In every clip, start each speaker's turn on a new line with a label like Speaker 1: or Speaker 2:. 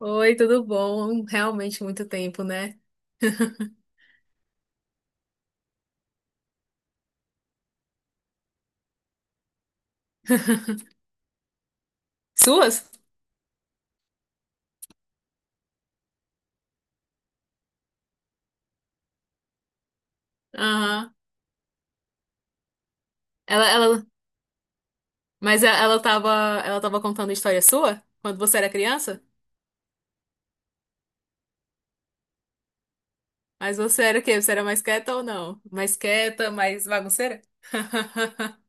Speaker 1: Oi, tudo bom? Realmente muito tempo, né? Suas? Aham. Ela mas ela tava contando história sua quando você era criança? Mas você era o quê? Você era mais quieta ou não? Mais quieta, mais bagunceira?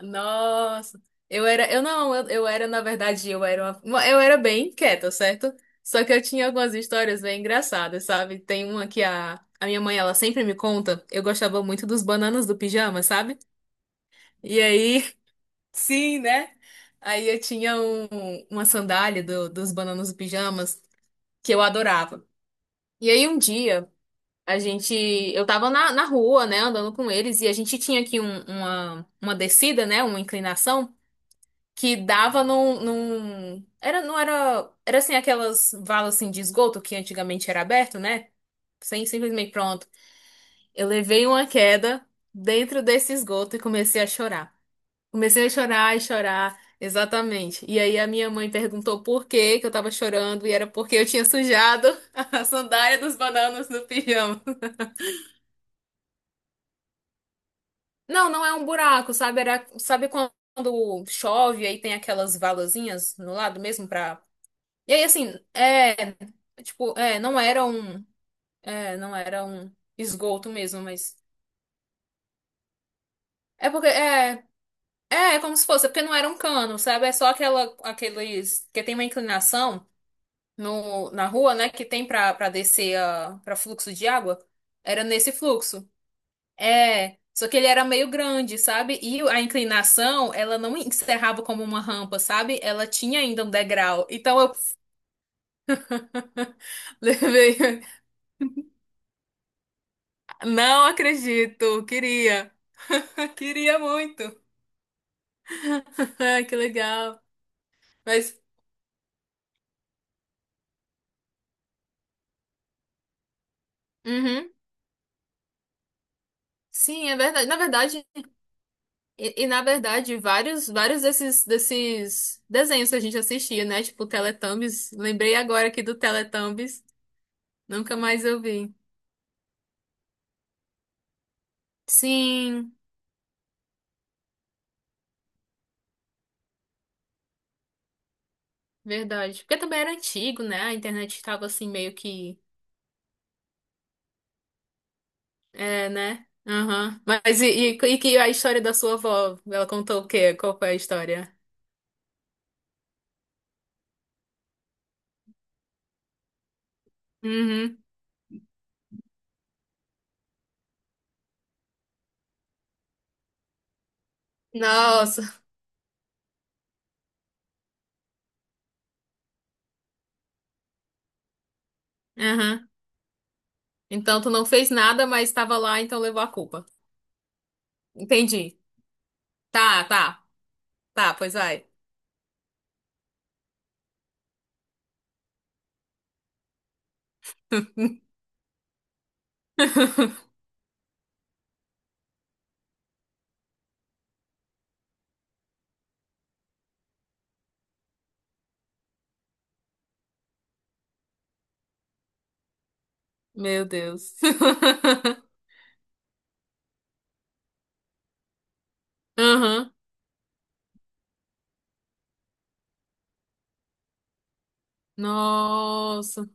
Speaker 1: Nossa, eu era, eu não, eu era, na verdade, eu era bem quieta, certo? Só que eu tinha algumas histórias bem engraçadas, sabe? Tem uma que a minha mãe, ela sempre me conta, eu gostava muito dos bananas do pijama, sabe? E aí, sim, né? Aí eu tinha uma sandália dos Bananos e Pijamas que eu adorava. E aí um dia, eu tava na rua, né, andando com eles, e a gente tinha aqui uma descida, né, uma inclinação, que dava era, não era, era assim, aquelas valas assim, de esgoto que antigamente era aberto, né? Sem, Simplesmente pronto. Eu levei uma queda dentro desse esgoto e comecei a chorar. Comecei a chorar e chorar, exatamente. E aí a minha mãe perguntou por que que eu tava chorando, e era porque eu tinha sujado a sandália dos bananos no pijama. Não, não é um buraco, sabe? Era, sabe quando chove, aí tem aquelas valazinhas no lado mesmo pra. E aí, assim, é. Tipo, é, não era um. É, não era um esgoto mesmo, mas. É porque, é. É, como se fosse, é porque não era um cano, sabe? É só aquela, aqueles que tem uma inclinação no, na rua, né, que tem pra descer pra fluxo de água. Era nesse fluxo. É, só que ele era meio grande, sabe? E a inclinação, ela não encerrava como uma rampa, sabe? Ela tinha ainda um degrau. Então eu levei. Não acredito, queria. Queria muito. Que legal. Mas, uhum. Sim, é verdade. Na verdade, E, e, na verdade, vários desses desenhos que a gente assistia, né? Tipo Teletubbies. Lembrei agora aqui do Teletubbies. Nunca mais eu vi. Sim, verdade. Porque também era antigo, né? A internet estava assim meio que. É, né? Aham. Mas que a história da sua avó? Ela contou o quê? Qual foi a história? Uhum. Nossa. Aham. Então tu não fez nada, mas estava lá, então levou a culpa. Entendi. Tá, tá. Tá, pois vai. Meu Deus. Aham. Nossa.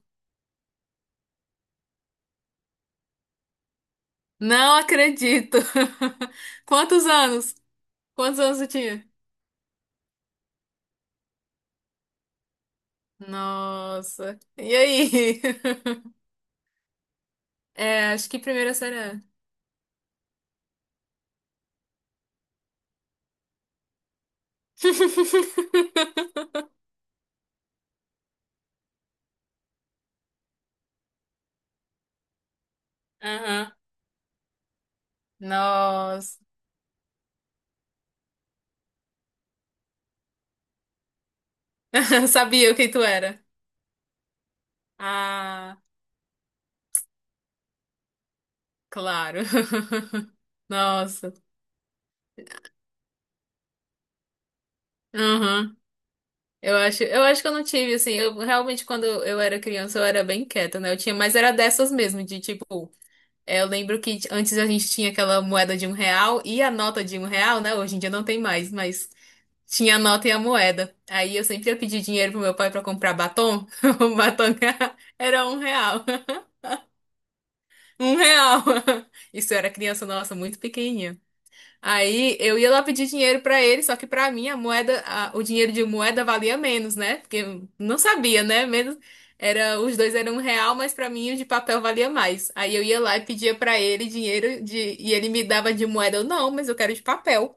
Speaker 1: Não acredito. Quantos anos? Quantos anos eu tinha? Nossa. E aí? É, acho que primeira série, é. Aham. Nossa. Sabia quem tu era. Ah, claro. Nossa. Aham. Eu acho que eu não tive, assim, eu realmente quando eu era criança eu era bem quieta, né? Eu tinha, mas era dessas mesmo, de tipo. É, eu lembro que antes a gente tinha aquela moeda de R$ 1 e a nota de R$ 1, né? Hoje em dia não tem mais, mas tinha a nota e a moeda. Aí eu sempre ia pedir dinheiro pro meu pai pra comprar batom. O batom era R$ 1. R$ 1. Isso eu era criança, nossa, muito pequenininha. Aí eu ia lá pedir dinheiro pra ele, só que pra mim a moeda, o dinheiro de moeda valia menos, né? Porque eu não sabia, né? Menos era, os dois eram R$ 1, mas pra mim o de papel valia mais. Aí eu ia lá e pedia pra ele dinheiro de e ele me dava de moeda, eu não, mas eu quero de papel.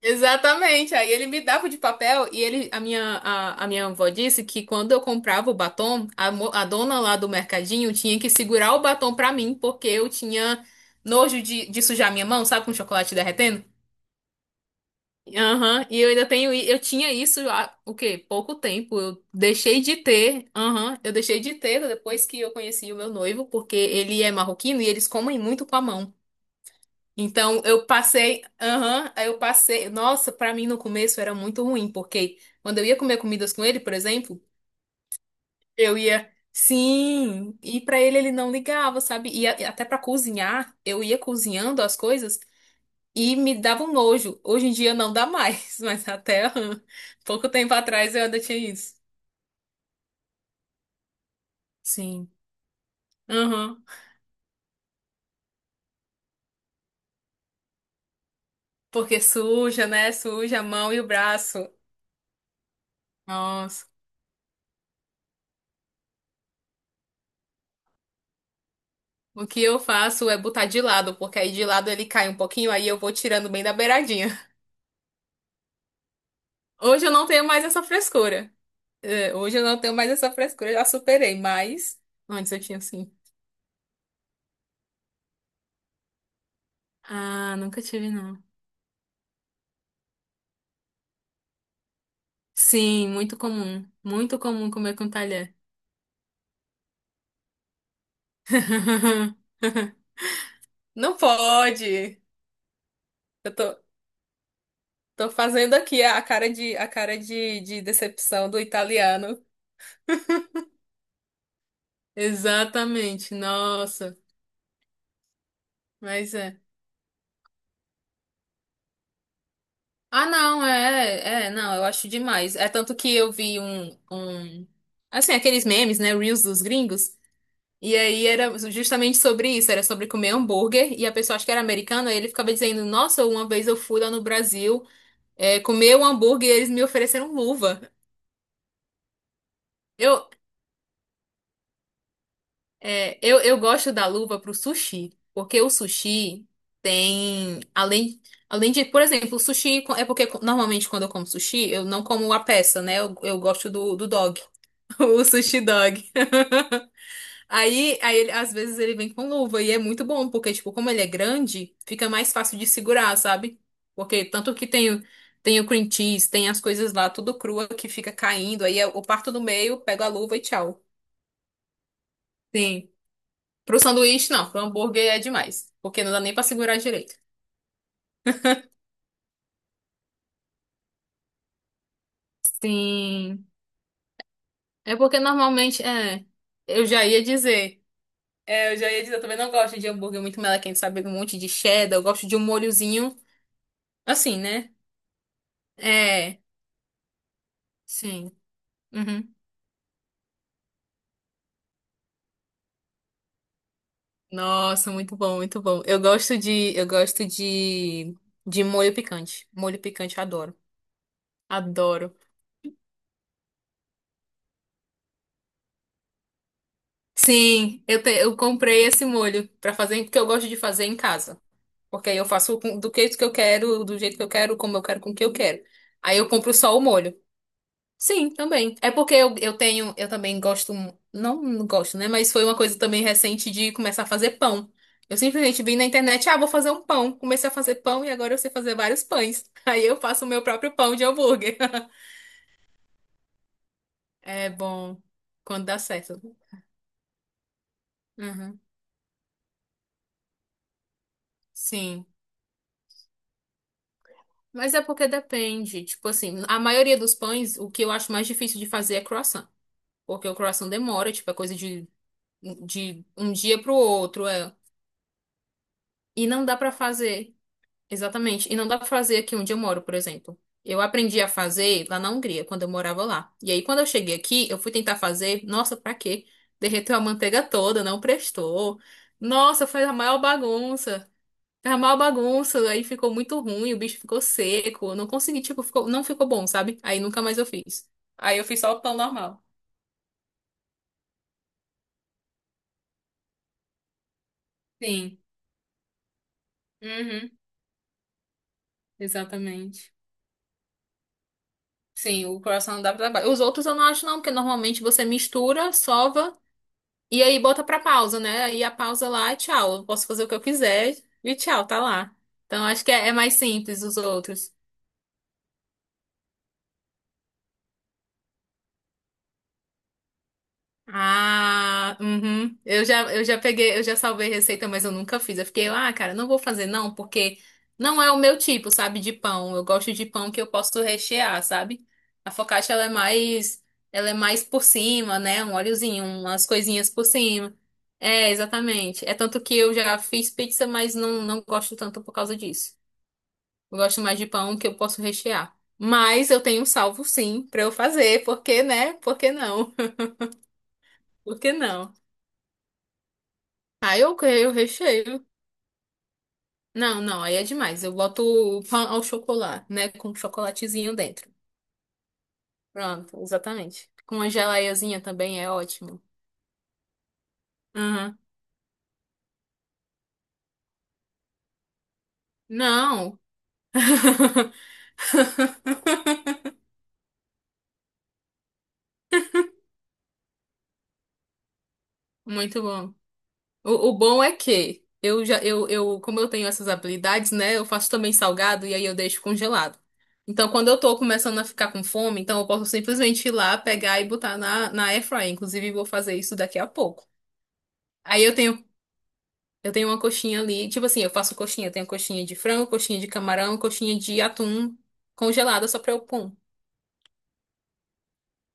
Speaker 1: Exatamente. Aí ele me dava o de papel e ele, a minha avó disse que quando eu comprava o batom, a dona lá do mercadinho tinha que segurar o batom pra mim, porque eu tinha nojo de sujar minha mão, sabe, com chocolate derretendo? Aham, e eu ainda tenho, eu tinha isso há, o quê? Pouco tempo. Eu deixei de ter, aham, eu deixei de ter depois que eu conheci o meu noivo, porque ele é marroquino e eles comem muito com a mão. Então eu passei, aham, aí eu passei, nossa, pra mim no começo era muito ruim, porque quando eu ia comer comidas com ele, por exemplo, eu ia, sim, e pra ele não ligava, sabe? E até pra cozinhar, eu ia cozinhando as coisas e me dava um nojo. Hoje em dia não dá mais, mas até pouco tempo atrás eu ainda tinha isso. Sim. Uhum. Porque suja, né? Suja a mão e o braço. Nossa. O que eu faço é botar de lado, porque aí de lado ele cai um pouquinho, aí eu vou tirando bem da beiradinha. Hoje eu não tenho mais essa frescura. É, hoje eu não tenho mais essa frescura, eu já superei, mas antes eu tinha sim. Ah, nunca tive, não. Sim, muito comum. Muito comum comer com talher. Não pode. Eu tô fazendo aqui a cara de, a cara de, decepção do italiano. Exatamente, nossa, mas é. Ah, não, não, eu acho demais. É tanto que eu vi um, assim, aqueles memes, né, Reels dos gringos, e aí era justamente sobre isso, era sobre comer hambúrguer, e a pessoa, acho que era americana, aí ele ficava dizendo, nossa, uma vez eu fui lá no Brasil, comer um hambúrguer e eles me ofereceram luva. Eu, eu gosto da luva pro sushi, porque o sushi tem, além de, por exemplo, o sushi co- é porque co- normalmente quando eu como sushi, eu não como a peça, né? Eu gosto do dog, o sushi dog. Aí às vezes ele vem com luva e é muito bom, porque, tipo, como ele é grande, fica mais fácil de segurar, sabe? Porque tanto que tem o cream cheese, tem as coisas lá tudo crua que fica caindo, aí eu parto do meio, pego a luva e tchau. Sim. Pro sanduíche, não. Pro hambúrguer é demais. Porque não dá nem pra segurar direito. Sim. É porque normalmente. É, eu já ia dizer. É, eu já ia dizer, eu também não gosto de hambúrguer muito melequento, sabe? Um monte de cheddar. Eu gosto de um molhozinho. Assim, né? É. Sim. Uhum. Nossa, muito bom, muito bom. Eu gosto de. Eu gosto de. De molho picante. Molho picante, eu adoro. Adoro. Sim, eu comprei esse molho pra fazer, porque eu gosto de fazer em casa. Porque aí eu faço do jeito que eu quero, do jeito que eu quero, como eu quero, com o que eu quero. Aí eu compro só o molho. Sim, também. É porque eu tenho, eu também gosto, não, não gosto, né? Mas foi uma coisa também recente de começar a fazer pão. Eu simplesmente vi na internet, ah, vou fazer um pão. Comecei a fazer pão e agora eu sei fazer vários pães. Aí eu faço o meu próprio pão de hambúrguer. É bom quando dá certo. Uhum. Sim. Mas é porque depende. Tipo assim, a maioria dos pães, o que eu acho mais difícil de fazer é croissant. Porque o croissant demora, tipo, é coisa de, um dia pro outro, é. E não dá pra fazer. Exatamente. E não dá pra fazer aqui onde eu moro, por exemplo. Eu aprendi a fazer lá na Hungria, quando eu morava lá. E aí, quando eu cheguei aqui, eu fui tentar fazer. Nossa, pra quê? Derreteu a manteiga toda, não prestou. Nossa, fez a maior bagunça. Fez a maior bagunça, aí ficou muito ruim, o bicho ficou seco. Eu não consegui, tipo, ficou, não ficou bom, sabe? Aí nunca mais eu fiz. Aí eu fiz só o pão normal. Sim. Uhum. Exatamente. Sim, o croissant dá pra trabalho. Os outros eu não acho não, porque normalmente você mistura, sova e aí bota pra pausa, né? E a pausa lá é tchau. Eu posso fazer o que eu quiser e tchau, tá lá. Então acho que é mais simples os outros. Ah, uhum. Eu já peguei, eu já salvei receita, mas eu nunca fiz. Eu fiquei, ah, cara, não vou fazer não, porque não é o meu tipo, sabe, de pão. Eu gosto de pão que eu posso rechear, sabe? A focaccia, ela é mais por cima, né? Um óleozinho, umas coisinhas por cima. É, exatamente. É tanto que eu já fiz pizza, mas não, não gosto tanto por causa disso. Eu gosto mais de pão que eu posso rechear. Mas eu tenho um salvo sim pra eu fazer, porque, né? Por que não? Por que não? Aí eu creio, eu recheio. Não, não, aí é demais. Eu boto o pão ao chocolate, né? Com chocolatezinho dentro. Pronto, exatamente. Com uma gelaiazinha também é ótimo. Aham. Não. Muito bom. O bom é que eu já, eu, como eu tenho essas habilidades, né? Eu faço também salgado e aí eu deixo congelado. Então, quando eu tô começando a ficar com fome, então eu posso simplesmente ir lá, pegar e botar na airfryer. Inclusive, vou fazer isso daqui a pouco. Aí eu tenho Eu tenho uma coxinha ali. Tipo assim, eu faço coxinha. Eu tenho coxinha de frango, coxinha de camarão, coxinha de atum congelada só pra eu pum.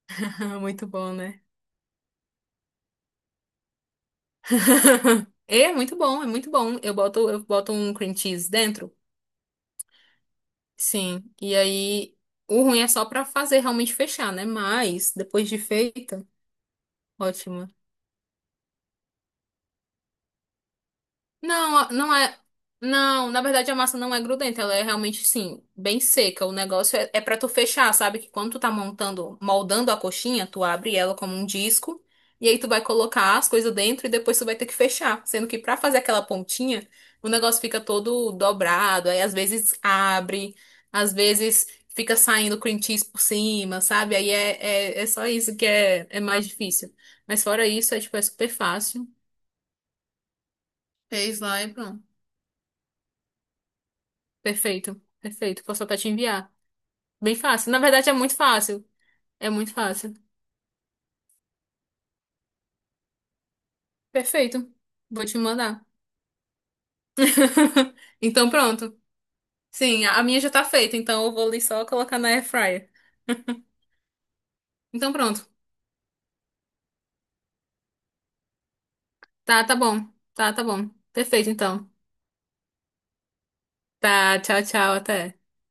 Speaker 1: Muito bom, né? É muito bom, é muito bom. Eu boto um cream cheese dentro. Sim. E aí, o ruim é só pra fazer realmente fechar, né? Mas, depois de feita, ótima. Não, não é. Não, na verdade a massa não é grudenta, ela é realmente, sim, bem seca. O negócio é para tu fechar, sabe? Que quando tu tá montando, moldando a coxinha, tu abre ela como um disco e aí tu vai colocar as coisas dentro e depois tu vai ter que fechar. Sendo que pra fazer aquela pontinha, o negócio fica todo dobrado, aí às vezes abre, às vezes fica saindo cream cheese por cima, sabe? Aí é só isso que é mais difícil. Mas fora isso, é tipo, é super fácil. Fez lá e pronto. Perfeito, perfeito. Posso até te enviar. Bem fácil. Na verdade, é muito fácil. É muito fácil. Perfeito. Vou te mandar. Então, pronto. Sim, a minha já tá feita, então eu vou ali só colocar na air fryer. Então, pronto. Tá, tá bom. Tá, tá bom. Perfeito, então. Tá, tchau, tchau, até.